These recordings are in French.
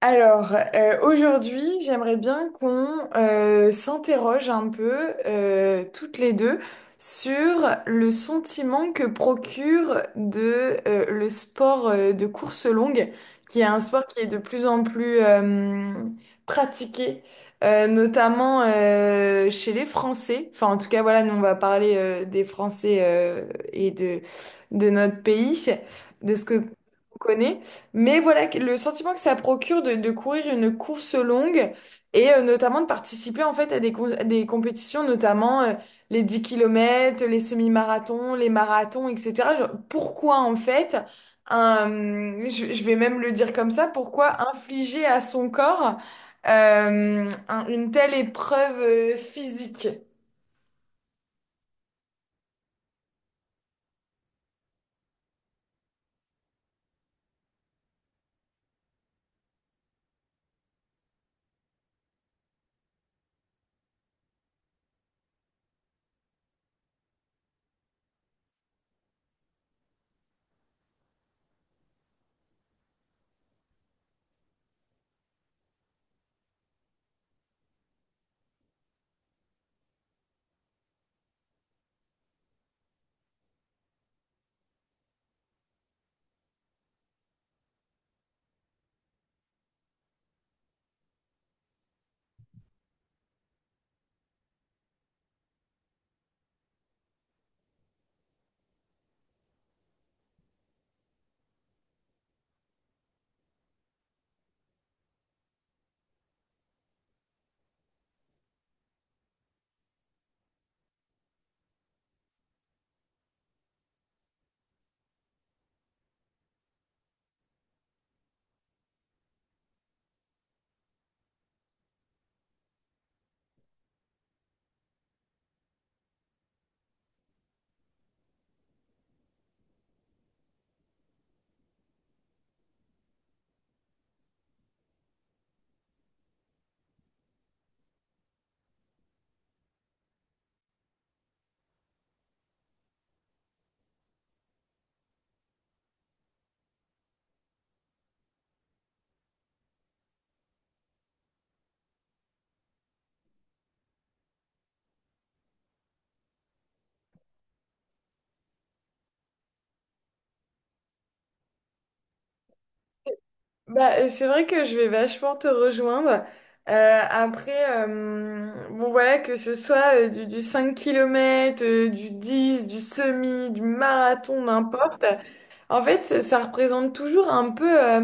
Alors, aujourd'hui, j'aimerais bien qu'on s'interroge un peu, toutes les deux, sur le sentiment que procure le sport de course longue, qui est un sport qui est de plus en plus pratiqué, notamment chez les Français. Enfin, en tout cas, voilà, nous, on va parler des Français et de notre pays, de ce que on connaît. Mais voilà, le sentiment que ça procure de courir une course longue et notamment de participer en fait à des compétitions, notamment les 10 km, les semi-marathons, les marathons, etc. Genre, pourquoi en fait, je vais même le dire comme ça, pourquoi infliger à son corps une telle épreuve physique? Bah, c'est vrai que je vais vachement te rejoindre. Après, bon voilà, que ce soit du 5 km, du 10, du semi, du marathon, n'importe. En fait, ça représente toujours un peu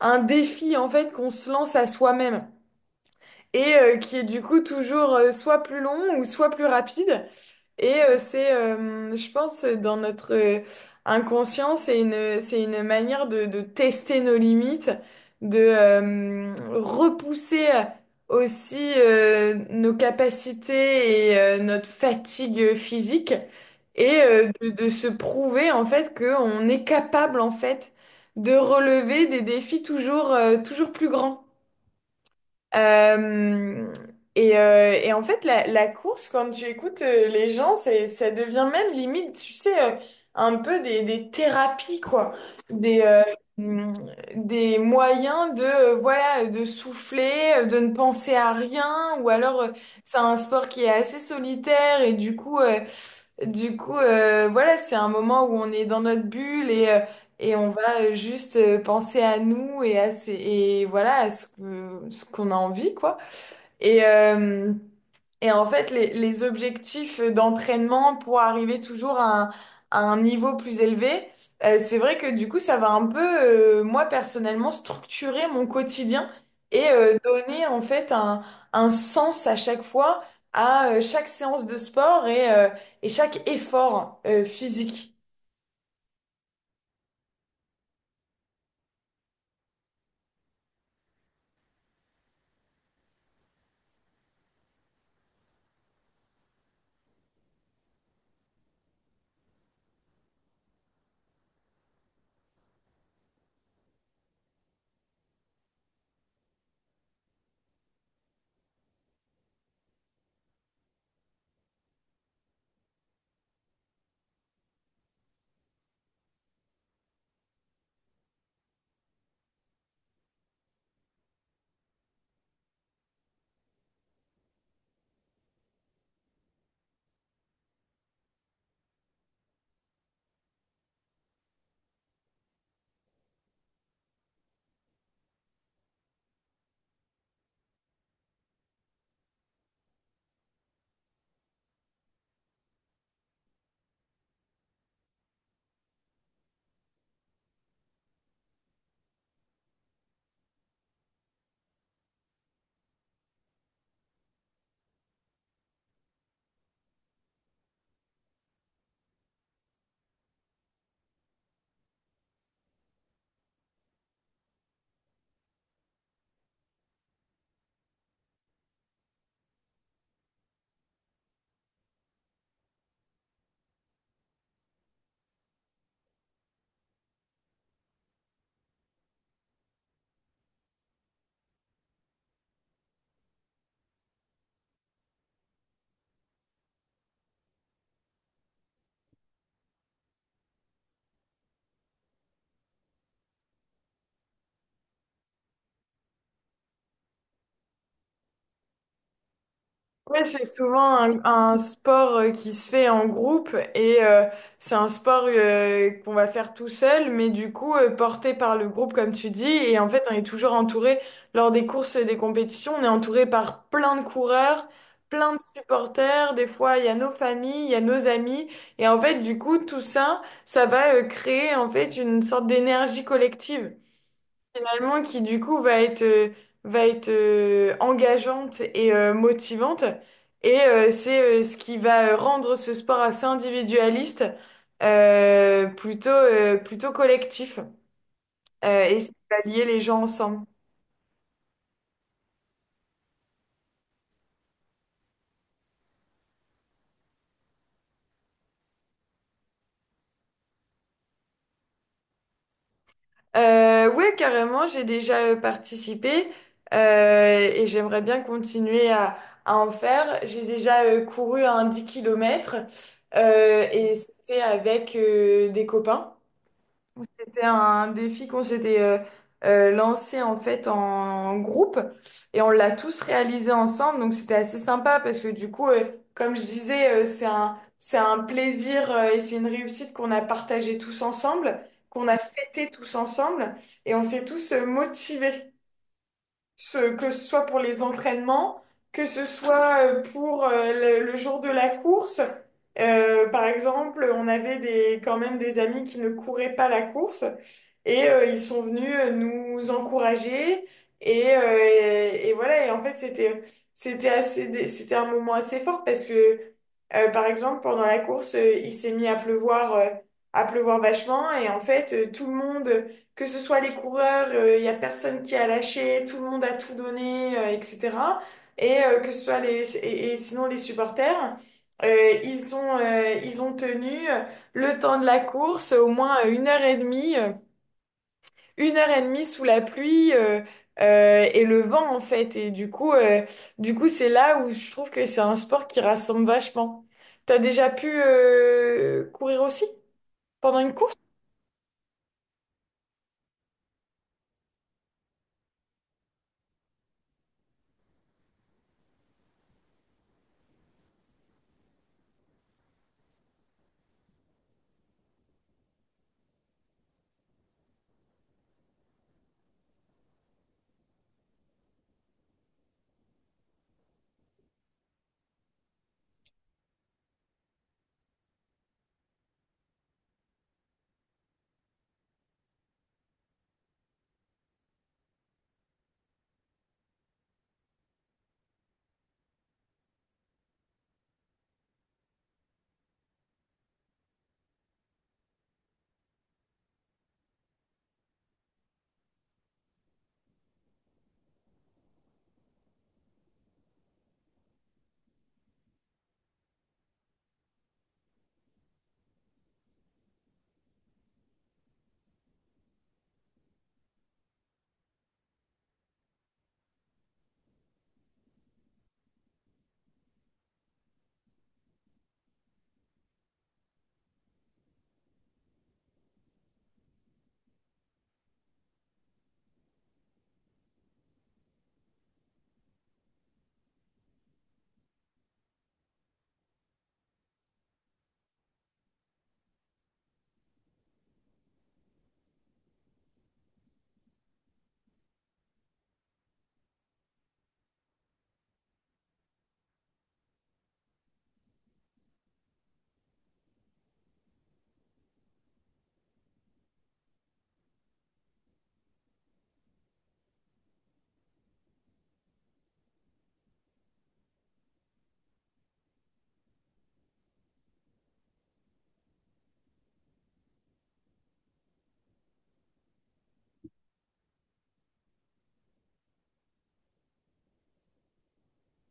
un défi en fait qu'on se lance à soi-même et qui est du coup toujours soit plus long ou soit plus rapide. Je pense, dans notre inconscient, c'est une manière de tester nos limites, de repousser aussi nos capacités et notre fatigue physique, et de se prouver en fait qu'on est capable en fait de relever des défis toujours, toujours plus grands. Euh, et en fait, la course, quand tu écoutes les gens, ça devient même limite, tu sais, un peu des thérapies, quoi. Des, euh, mm, des moyens de voilà, de souffler, de ne penser à rien, ou alors c'est un sport qui est assez solitaire et du coup, voilà, c'est un moment où on est dans notre bulle et on va juste penser à nous et et voilà, ce qu'on a envie, quoi. Et, euh, et en fait, les objectifs d'entraînement pour arriver toujours à un niveau plus élevé, c'est vrai que du coup, ça va un peu, moi personnellement, structurer mon quotidien et donner en fait un sens à chaque fois, à chaque séance de sport et chaque effort physique. Ouais, c'est souvent un sport qui se fait en groupe et c'est un sport qu'on va faire tout seul, mais du coup porté par le groupe comme tu dis. Et en fait, on est toujours entouré lors des courses et des compétitions, on est entouré par plein de coureurs, plein de supporters. Des fois, il y a nos familles, il y a nos amis. Et en fait, du coup, tout ça, ça va créer en fait une sorte d'énergie collective finalement, qui du coup va être engageante et motivante. Et c'est ce qui va rendre ce sport assez individualiste, plutôt collectif, et ça va lier les gens ensemble. Ouais, carrément, j'ai déjà participé et j'aimerais bien continuer à en faire. J'ai déjà couru un 10 km et c'était avec des copains. C'était un défi qu'on s'était lancé en fait en groupe et on l'a tous réalisé ensemble. Donc c'était assez sympa parce que du coup, comme je disais, c'est un plaisir et c'est une réussite qu'on a partagé tous ensemble, qu'on a fêté tous ensemble et on s'est tous motivés. Que ce soit pour les entraînements, que ce soit pour le jour de la course. Par exemple, on avait quand même des amis qui ne couraient pas la course et ils sont venus nous encourager. Et voilà, en fait, c'était assez, c'était un moment assez fort parce que, par exemple, pendant la course, il s'est mis à pleuvoir, à pleuvoir, vachement et en fait, tout le monde que ce soit les coureurs, il n'y a personne qui a lâché, tout le monde a tout donné, etc. Et que ce soit les, sinon les supporters, ils ont tenu le temps de la course, au moins une heure et demie, une heure et demie sous la pluie et le vent en fait. Et du coup, c'est là où je trouve que c'est un sport qui rassemble vachement. T'as déjà pu courir aussi pendant une course?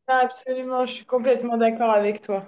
Non, absolument, je suis complètement d'accord avec toi.